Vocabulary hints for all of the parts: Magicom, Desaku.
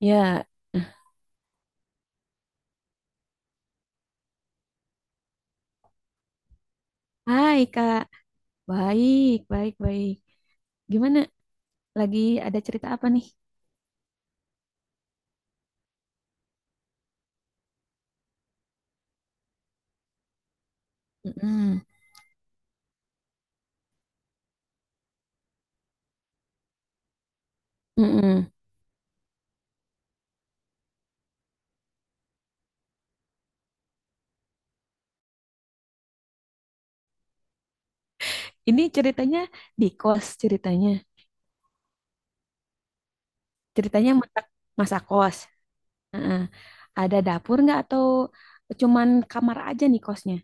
Ya, hai Kak. Baik, baik, baik. Gimana? Lagi ada cerita apa nih? Mm-mm. Mm-mm. Ini ceritanya di kos ceritanya. Ceritanya masak, masak kos. Heeh. Ada dapur nggak atau cuman kamar aja nih kosnya?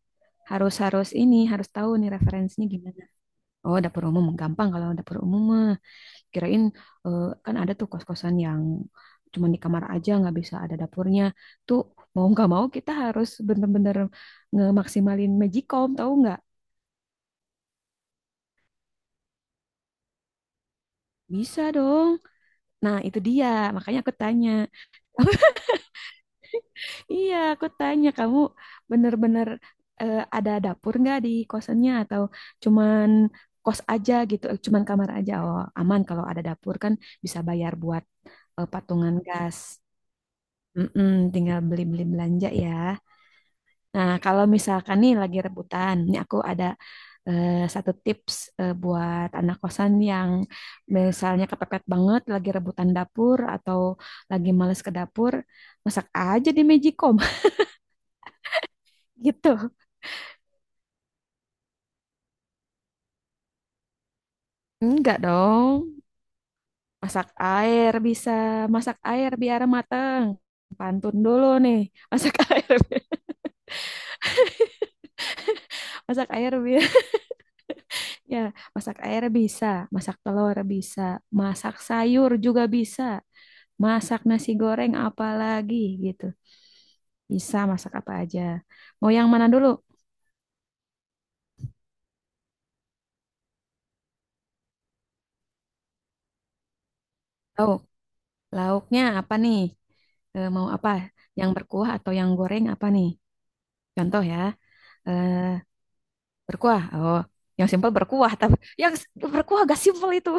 Harus harus ini harus tahu nih referensinya gimana. Oh, dapur umum gampang kalau dapur umum mah. Kirain kan ada tuh kos-kosan yang cuma di kamar aja nggak bisa ada dapurnya. Tuh mau nggak mau kita harus bener-bener ngemaksimalin Magicom tahu nggak? Bisa dong. Nah itu dia makanya aku tanya. Iya aku tanya kamu bener-bener, ada dapur nggak di kosannya atau cuman kos aja gitu, cuman kamar aja. Oh aman kalau ada dapur kan bisa bayar buat, patungan gas. Mm-mm, tinggal beli-beli belanja ya. Nah, kalau misalkan nih lagi rebutan, ini aku ada, satu tips, buat anak kosan yang misalnya kepepet banget lagi rebutan dapur atau lagi males ke dapur, masak aja di Magicom gitu. Enggak dong, masak air bisa, masak air biar mateng. Pantun dulu nih, masak air, masak air biar ya, masak air bisa, masak telur bisa, masak sayur juga bisa. Masak nasi goreng apa lagi gitu. Bisa masak apa aja. Mau yang mana dulu? Lauk. Lauknya apa nih? Eh, mau apa? Yang berkuah atau yang goreng apa nih? Contoh ya, eh, berkuah. Oh, yang simpel berkuah, tapi yang s- berkuah gak simpel itu.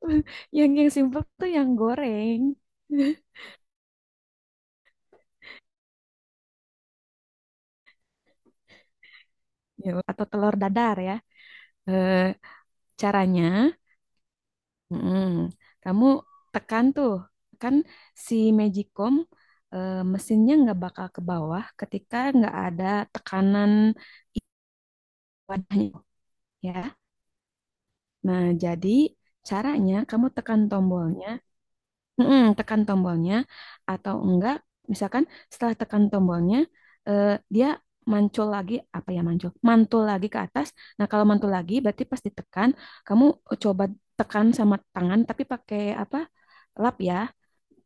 Yang simpel tuh yang goreng. Ya, atau telur dadar ya. Eh, Caranya. Mm-mm. Kamu tekan tuh, kan si Magicom, mesinnya nggak bakal ke bawah ketika nggak ada tekanan i- wadahnya, ya. Nah, jadi caranya kamu tekan tombolnya. Mm-mm, tekan tombolnya atau enggak, misalkan setelah tekan tombolnya, eh, dia mancul lagi, apa ya, mancul, mantul lagi ke atas. Nah, kalau mantul lagi berarti pas ditekan, kamu coba tekan sama tangan tapi pakai apa? Lap ya.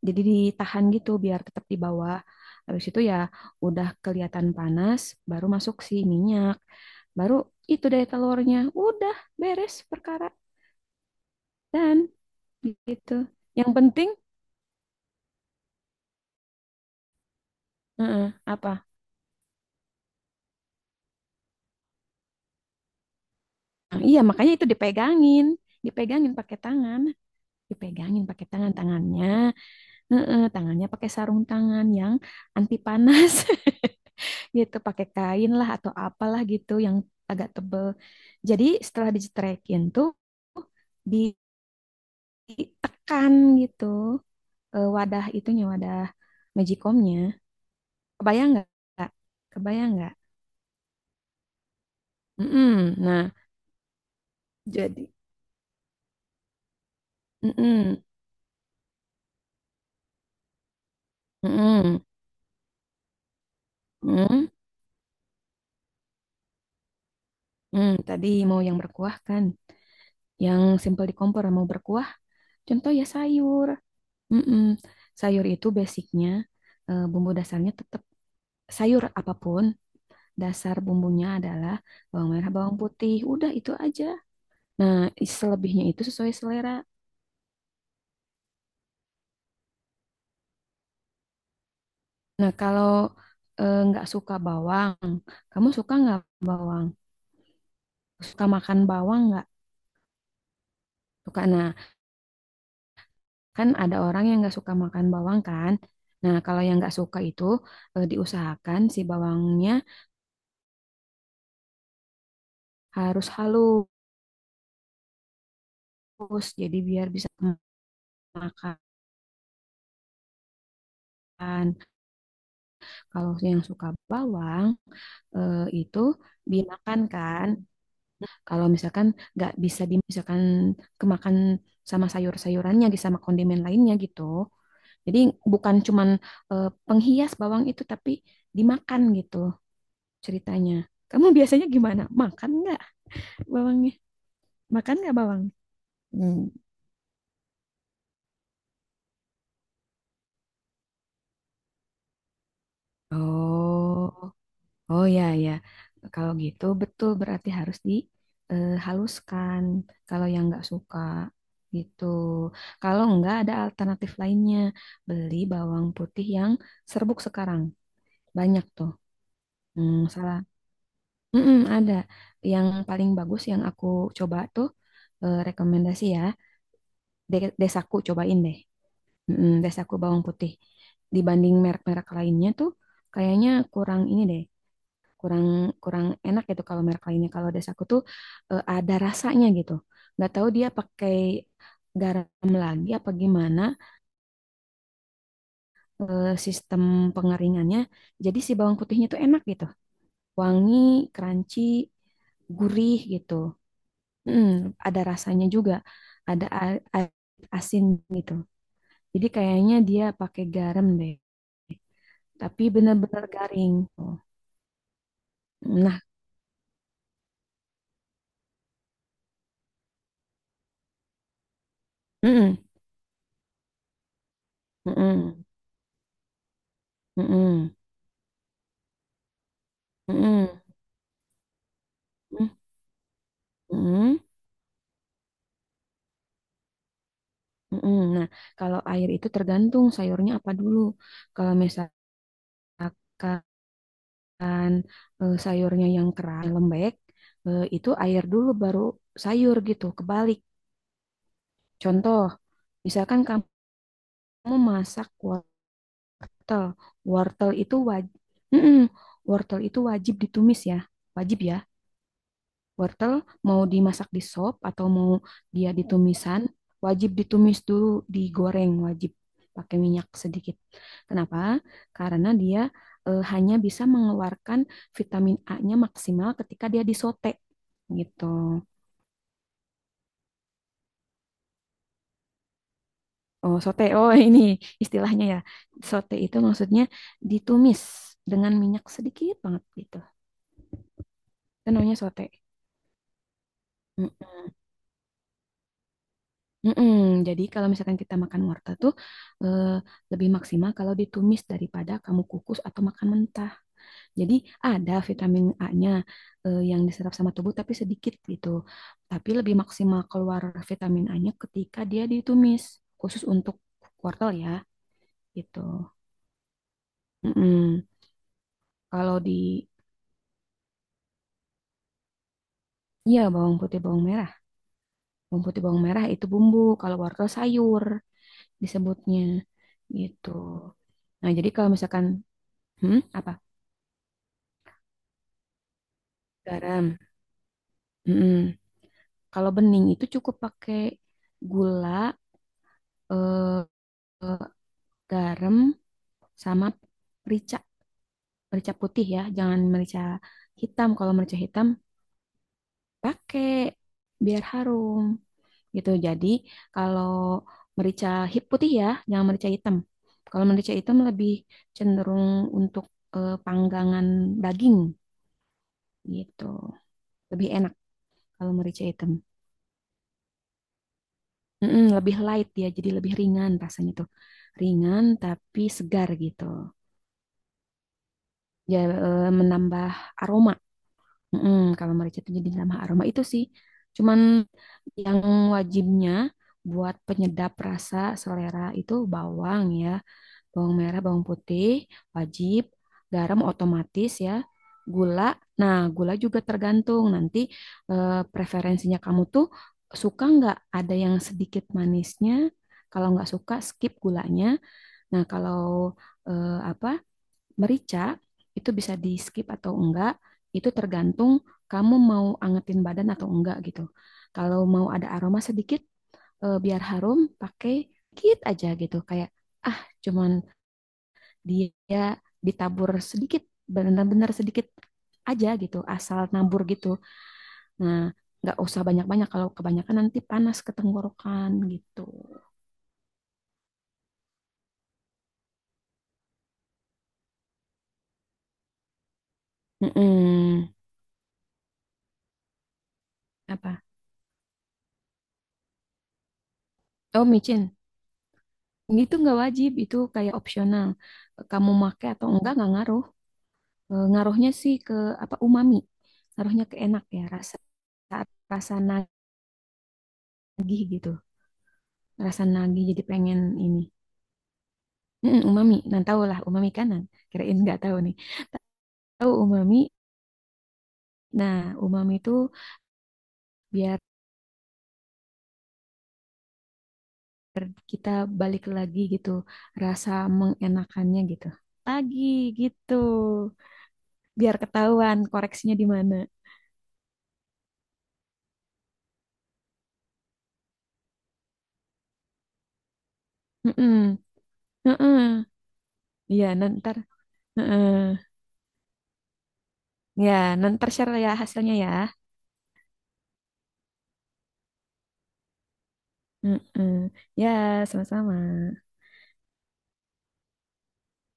Jadi ditahan gitu biar tetap di bawah. Habis itu ya udah kelihatan panas, baru masuk si minyak. Baru itu deh telurnya. Udah beres perkara dan gitu. Yang penting heeh, apa? Nah, iya, makanya itu dipegangin, dipegangin pakai tangan, dipegangin pakai tangan tangannya. Heeh, tangannya pakai sarung tangan yang anti panas gitu, pakai kain lah atau apalah gitu yang agak tebel. Jadi setelah dicetrekin tuh ditekan gitu, wadah itunya, wadah magicomnya, kebayang nggak Kak? Kebayang nggak? Mm-mm. Nah jadi, mm-mm. Mm-mm. Mm-mm. Mm. Tadi mau yang berkuah kan, yang simpel di kompor mau berkuah, contoh ya sayur. Mm-mm. Sayur itu basicnya, bumbu dasarnya tetap sayur apapun, dasar bumbunya adalah bawang merah, bawang putih, udah itu aja. Nah, selebihnya itu sesuai selera. Nah, kalau nggak suka bawang, kamu suka nggak bawang? Suka makan bawang nggak? Suka. Nah, kan ada orang yang nggak suka makan bawang kan? Nah, kalau yang nggak suka itu, diusahakan si bawangnya harus halus, jadi biar bisa makan. Kalau yang suka bawang, itu dimakan kan. Kalau misalkan nggak bisa dimakan, kemakan sama sayur-sayurannya gitu, sama kondimen lainnya gitu. Jadi bukan cuman, penghias bawang itu, tapi dimakan gitu ceritanya. Kamu biasanya gimana? Makan nggak bawangnya? Makan nggak bawang? Hmm. Oh. Oh ya ya, kalau gitu betul, berarti harus dihaluskan. Kalau yang nggak suka gitu, kalau nggak ada alternatif lainnya, beli bawang putih yang serbuk sekarang banyak tuh. Hmm, salah. Mm-mm, ada yang paling bagus yang aku coba tuh, rekomendasi ya. Desaku, cobain deh. Mm-mm, Desaku bawang putih. Dibanding merek-merek lainnya tuh, kayaknya kurang ini deh, kurang, kurang enak gitu kalau merek lainnya. Kalau das aku tuh, ada rasanya gitu, nggak tahu dia pakai garam lagi apa gimana, sistem pengeringannya, jadi si bawang putihnya tuh enak gitu, wangi, crunchy, gurih gitu. Mm, ada rasanya juga, ada asin gitu, jadi kayaknya dia pakai garam deh, tapi benar-benar garing tuh. Nah, mm-mm, mm-mm, mm-mm, mm-mm, mm-mm. Mm-mm. Nah, kalau air itu tergantung sayurnya apa dulu. Kalau misalkan, sayurnya yang keras, yang lembek, itu air dulu baru sayur gitu, kebalik. Contoh, misalkan kamu masak wortel. Wortel itu wajib, wortel itu wajib ditumis ya, wajib ya. Wortel mau dimasak di sop atau mau dia ditumisan, wajib ditumis dulu, digoreng wajib pakai minyak sedikit. Kenapa? Karena dia, hanya bisa mengeluarkan vitamin A-nya maksimal ketika dia disote gitu. Oh, sote. Oh, ini istilahnya ya. Sote itu maksudnya ditumis dengan minyak sedikit banget gitu. Itu namanya sote. Mm-mm. Mm-mm. Jadi kalau misalkan kita makan wortel tuh, eh, lebih maksimal kalau ditumis daripada kamu kukus atau makan mentah. Jadi ada vitamin A-nya, yang diserap sama tubuh tapi sedikit gitu. Tapi lebih maksimal keluar vitamin A-nya ketika dia ditumis, khusus untuk wortel ya gitu. Mm-mm. Kalau di, iya bawang putih bawang merah, bawang putih bawang merah itu bumbu, kalau wortel sayur disebutnya gitu. Nah, jadi kalau misalkan, hmm, apa? Garam. Mm-mm. Kalau bening itu cukup pakai gula, eh, eh, garam, sama merica. Merica putih ya, jangan merica hitam. Kalau merica hitam pakai biar harum gitu. Jadi kalau merica putih ya, jangan merica hitam. Kalau merica hitam lebih cenderung untuk, panggangan daging gitu. Lebih enak kalau merica hitam. Mm-mm, lebih light ya, jadi lebih ringan rasanya tuh. Ringan tapi segar gitu. Ya, menambah aroma. Mm-mm, kalau merica itu jadi menambah aroma itu sih. Cuman yang wajibnya buat penyedap rasa selera itu bawang ya, bawang merah, bawang putih, wajib, garam otomatis ya, gula. Nah, gula juga tergantung nanti, preferensinya kamu tuh suka nggak ada yang sedikit manisnya. Kalau nggak suka, skip gulanya. Nah, kalau, apa, merica itu bisa di skip atau enggak. Itu tergantung kamu mau angetin badan atau enggak gitu. Kalau mau ada aroma sedikit, biar harum, pakai dikit aja gitu. Kayak ah cuman dia ditabur sedikit, benar-benar sedikit aja gitu, asal nabur gitu. Nah, nggak usah banyak-banyak, kalau kebanyakan nanti panas ke tenggorokan gitu. Mm-mm. Apa, oh micin itu nggak wajib, itu kayak opsional, kamu make atau enggak nggak ngaruh. Ngaruhnya sih ke apa, umami, ngaruhnya ke enak ya, rasa, rasa nagih gitu, rasa nagih jadi pengen ini. Mm, umami, nah tahu lah umami kanan, kirain nggak tahu nih. Tahu umami? Nah, umami itu biar kita balik lagi gitu, rasa mengenakannya gitu. Lagi gitu. Biar ketahuan koreksinya di mana. Heeh. Heeh. Iya, nanti. Heeh. Ya, nanti share ya hasilnya ya. Heeh. Ya, sama-sama.